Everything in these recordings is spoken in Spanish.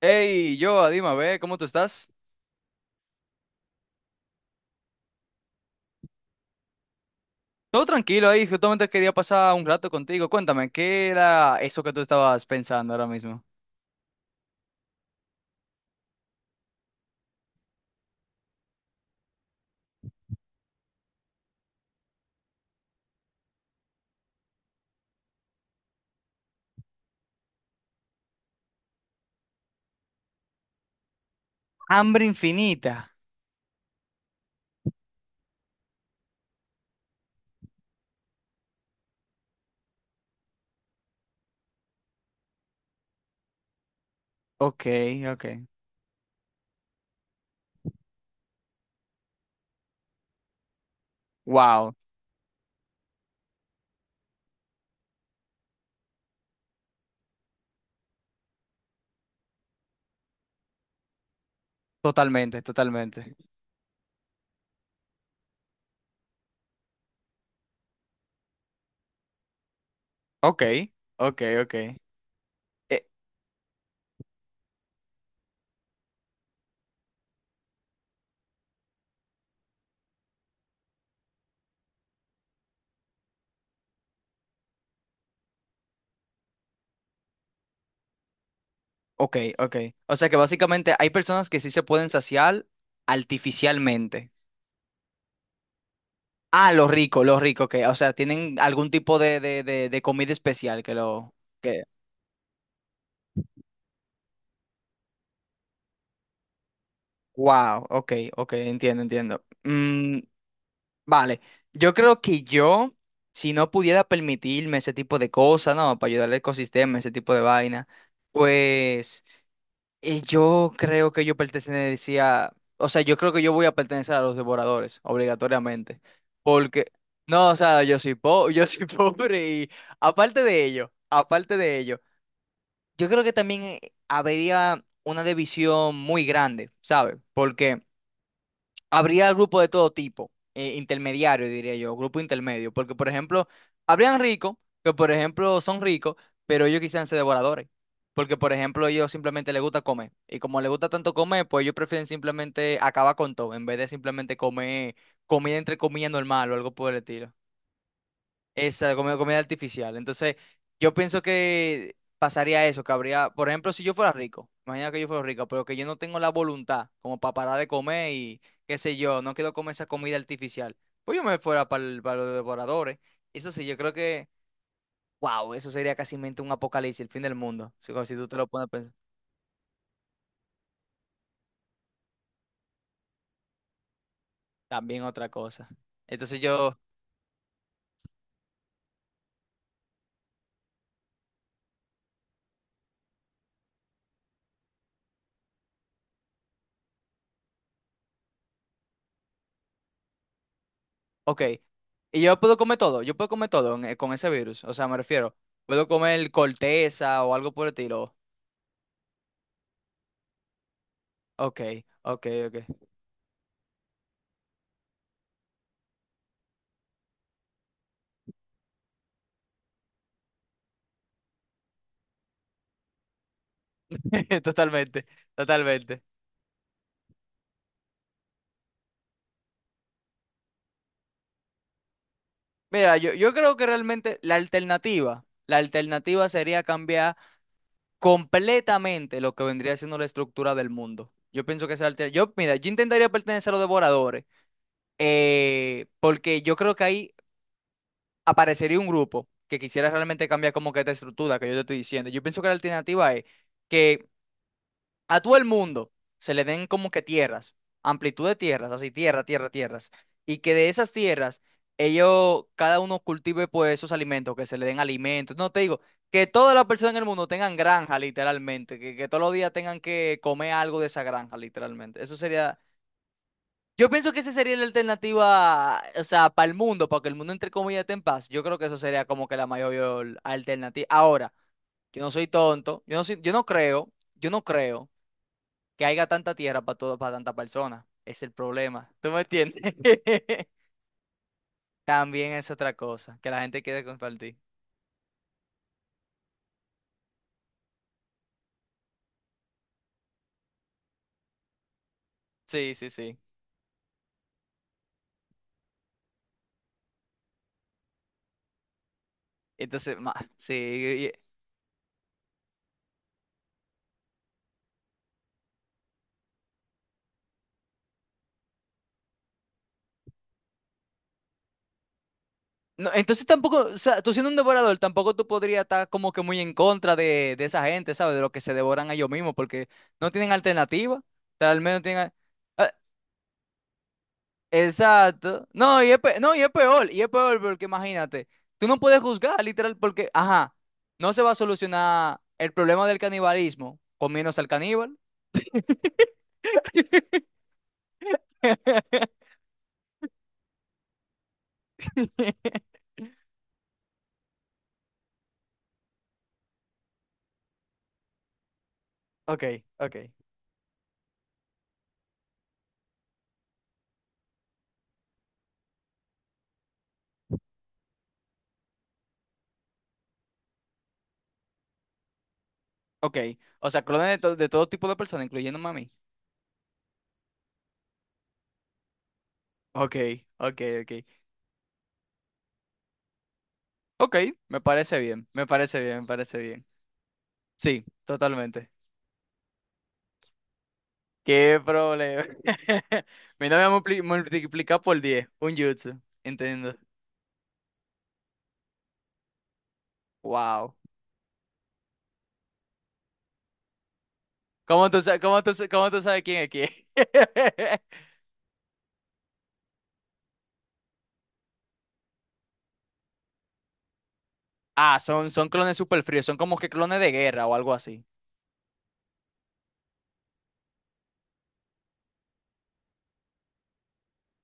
Hey, yo, Dima, ve, ¿cómo tú estás? Todo tranquilo ahí, justamente quería pasar un rato contigo. Cuéntame, ¿qué era eso que tú estabas pensando ahora mismo? Hambre infinita. Ok, ok. Wow, totalmente, totalmente. Ok, ok, ok. Eh, ok, ok. O sea que básicamente hay personas que sí se pueden saciar artificialmente. Ah, los ricos, que, o sea, tienen algún tipo de comida especial que lo... que- Wow, ok, ok, entiendo, entiendo. Vale, yo creo que yo, si no pudiera permitirme ese tipo de cosas, ¿no? Para ayudar al ecosistema, ese tipo de vaina, pues yo creo que yo pertenecía, o sea, yo creo que yo voy a pertenecer a los devoradores, obligatoriamente, porque, no, o sea, yo soy pobre y aparte de ello, yo creo que también habría una división muy grande, ¿sabes? Porque habría grupo de todo tipo, intermediario, diría yo, grupo intermedio, porque por ejemplo, habrían ricos, que por ejemplo son ricos, pero ellos quisieran ser devoradores, porque por ejemplo ellos simplemente les gusta comer, y como les gusta tanto comer, pues ellos prefieren simplemente acabar con todo, en vez de simplemente comer comida entre comillas normal o algo por el estilo. Comida artificial. Entonces, yo pienso que pasaría eso, que habría, por ejemplo, si yo fuera rico, imagina que yo fuera rico, pero que yo no tengo la voluntad como para parar de comer y qué sé yo, no quiero comer esa comida artificial, pues yo me fuera para los devoradores. Eso sí, yo creo que, wow, eso sería casi mente un apocalipsis, el fin del mundo, si, si tú te lo pones a pensar. También otra cosa. Entonces yo, ok, y yo puedo comer todo, con ese virus, o sea, me refiero, puedo comer corteza o algo por el estilo. Ok, ok, ok. Totalmente, totalmente. Mira, yo creo que realmente la alternativa sería cambiar completamente lo que vendría siendo la estructura del mundo. Yo pienso que Yo, mira, yo intentaría pertenecer a los devoradores, porque yo creo que ahí aparecería un grupo que quisiera realmente cambiar como que esta estructura que yo te estoy diciendo. Yo pienso que la alternativa es que a todo el mundo se le den como que tierras, amplitud de tierras, así tierra, tierra, tierras, y que de esas tierras ellos, cada uno cultive pues sus alimentos, que se le den alimentos, no te digo, que todas las personas en el mundo tengan granja literalmente, que todos los días tengan que comer algo de esa granja literalmente, eso sería... Yo pienso que esa sería la alternativa, o sea, para el mundo, para que el mundo entre comillas esté en paz. Yo creo que eso sería como que la mayor alternativa. Ahora, yo no soy tonto, yo no creo que haya tanta tierra para todo, para tanta persona. Es el problema. ¿Tú me entiendes? También es otra cosa, que la gente quiere compartir. Sí, sí, sí. Entonces, ma, sí. No, entonces tampoco, o sea, tú siendo un devorador, tampoco tú podrías estar como que muy en contra de esa gente, ¿sabes? De lo que se devoran a ellos mismos, porque no tienen alternativa. Tal vez no tienen. Exacto. No, y es peor porque imagínate, tú no puedes juzgar literal porque, ajá, no se va a solucionar el problema del canibalismo comiéndose al caníbal. Ok, ok. Ok, o sea, clones de, de todo tipo de personas, incluyéndome a mí. Ok, ok, ok. Ok, me parece bien, me parece bien, me parece bien. Sí, totalmente. ¿Qué problema? Mi novia multiplica por 10, un jutsu, entiendo. Wow. ¿Cómo tú, cómo tú sabes quién es quién? Ah, son, son clones super fríos, son como que clones de guerra o algo así.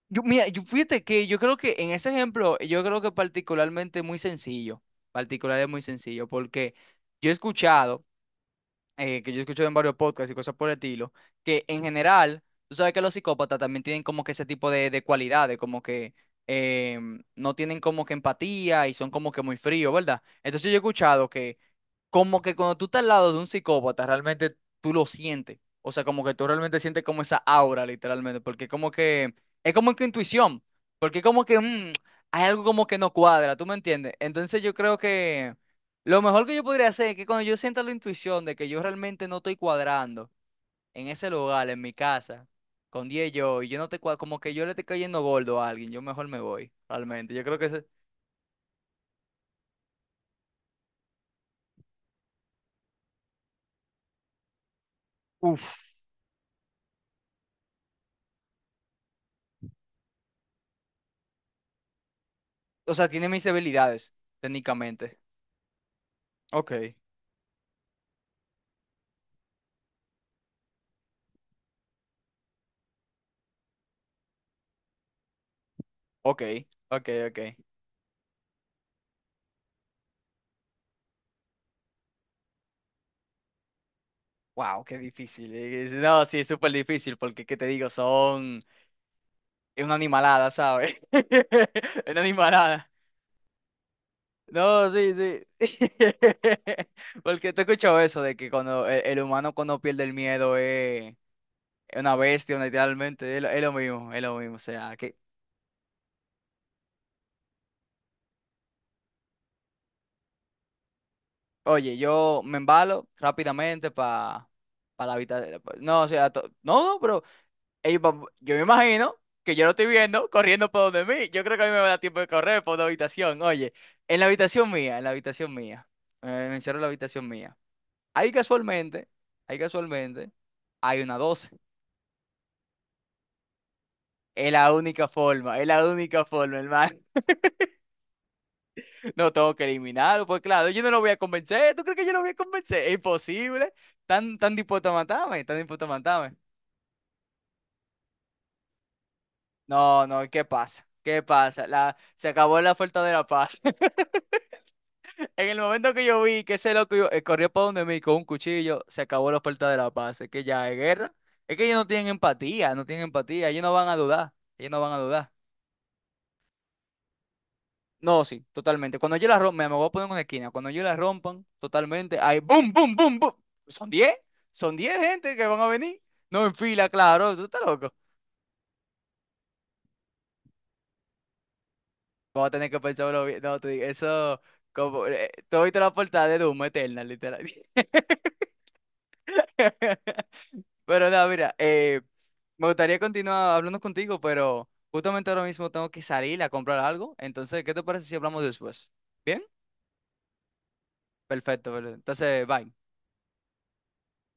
Yo, mira, yo, fíjate que yo creo que en ese ejemplo, yo creo que particularmente muy sencillo, particular es muy sencillo, porque yo he escuchado, yo he escuchado en varios podcasts y cosas por el estilo, que en general, tú sabes que los psicópatas también tienen como que ese tipo de cualidades, como que no tienen como que empatía y son como que muy fríos, ¿verdad? Entonces yo he escuchado que como que cuando tú estás al lado de un psicópata, realmente tú lo sientes. O sea, como que tú realmente sientes como esa aura, literalmente, porque como que es como que intuición, porque como que hay algo como que no cuadra, ¿tú me entiendes? Entonces yo creo que lo mejor que yo podría hacer es que cuando yo sienta la intuición de que yo realmente no estoy cuadrando en ese lugar, en mi casa, con 10 yo, y yo no te cuadro, como que yo le estoy cayendo gordo a alguien, yo mejor me voy, realmente. Yo creo que, ese- uf, o sea, tiene mis debilidades, técnicamente. Ok. Ok, ok, ok. Wow, qué difícil. No, sí, es súper difícil porque, ¿qué te digo? Son... Es una animalada, ¿sabes? Es una animalada. No, sí, sí. Porque te he escuchado eso de que cuando el humano cuando pierde el miedo es una bestia, literalmente. Es lo mismo, es lo mismo. O sea, que... Oye, yo me embalo rápidamente para... Para la habitación. No, o sea, no, pero yo me imagino que yo lo estoy viendo corriendo por donde mí. Yo creo que a mí me va a dar tiempo de correr por una habitación. Oye, en la habitación mía, en la habitación mía, me encierro en la habitación mía. Ahí casualmente, ahí casualmente, hay una doce. Es la única forma, es la única forma, hermano. No tengo que eliminarlo, pues claro, yo no lo voy a convencer. ¿Tú crees que yo lo voy a convencer? Es imposible. Tan, tan dispuesto a matarme, tan dispuesto a matarme. No, no, ¿qué pasa? ¿Qué pasa? La, se acabó la oferta de la paz. En el momento que yo vi que corrió para donde mí con un cuchillo, se acabó la oferta de la paz. Es que ya es guerra. Es que ellos no tienen empatía, no tienen empatía. Ellos no van a dudar. Ellos no van a dudar. No, sí, totalmente. Cuando yo la rompa, me voy a poner en una esquina. Cuando yo la rompan, totalmente, ahí, boom, boom, boom, boom. Son 10, Son 10 gente que van a venir. No en fila, claro. Tú estás loco. Vamos a tener que pensarlo bien. No, te digo, eso. Como, tú viste la portada de Doom Eternal, literal. Pero no mira, me gustaría continuar hablando contigo, pero justamente ahora mismo tengo que salir a comprar algo. Entonces, ¿qué te parece si hablamos después? ¿Bien? Perfecto, perfecto. Entonces, bye.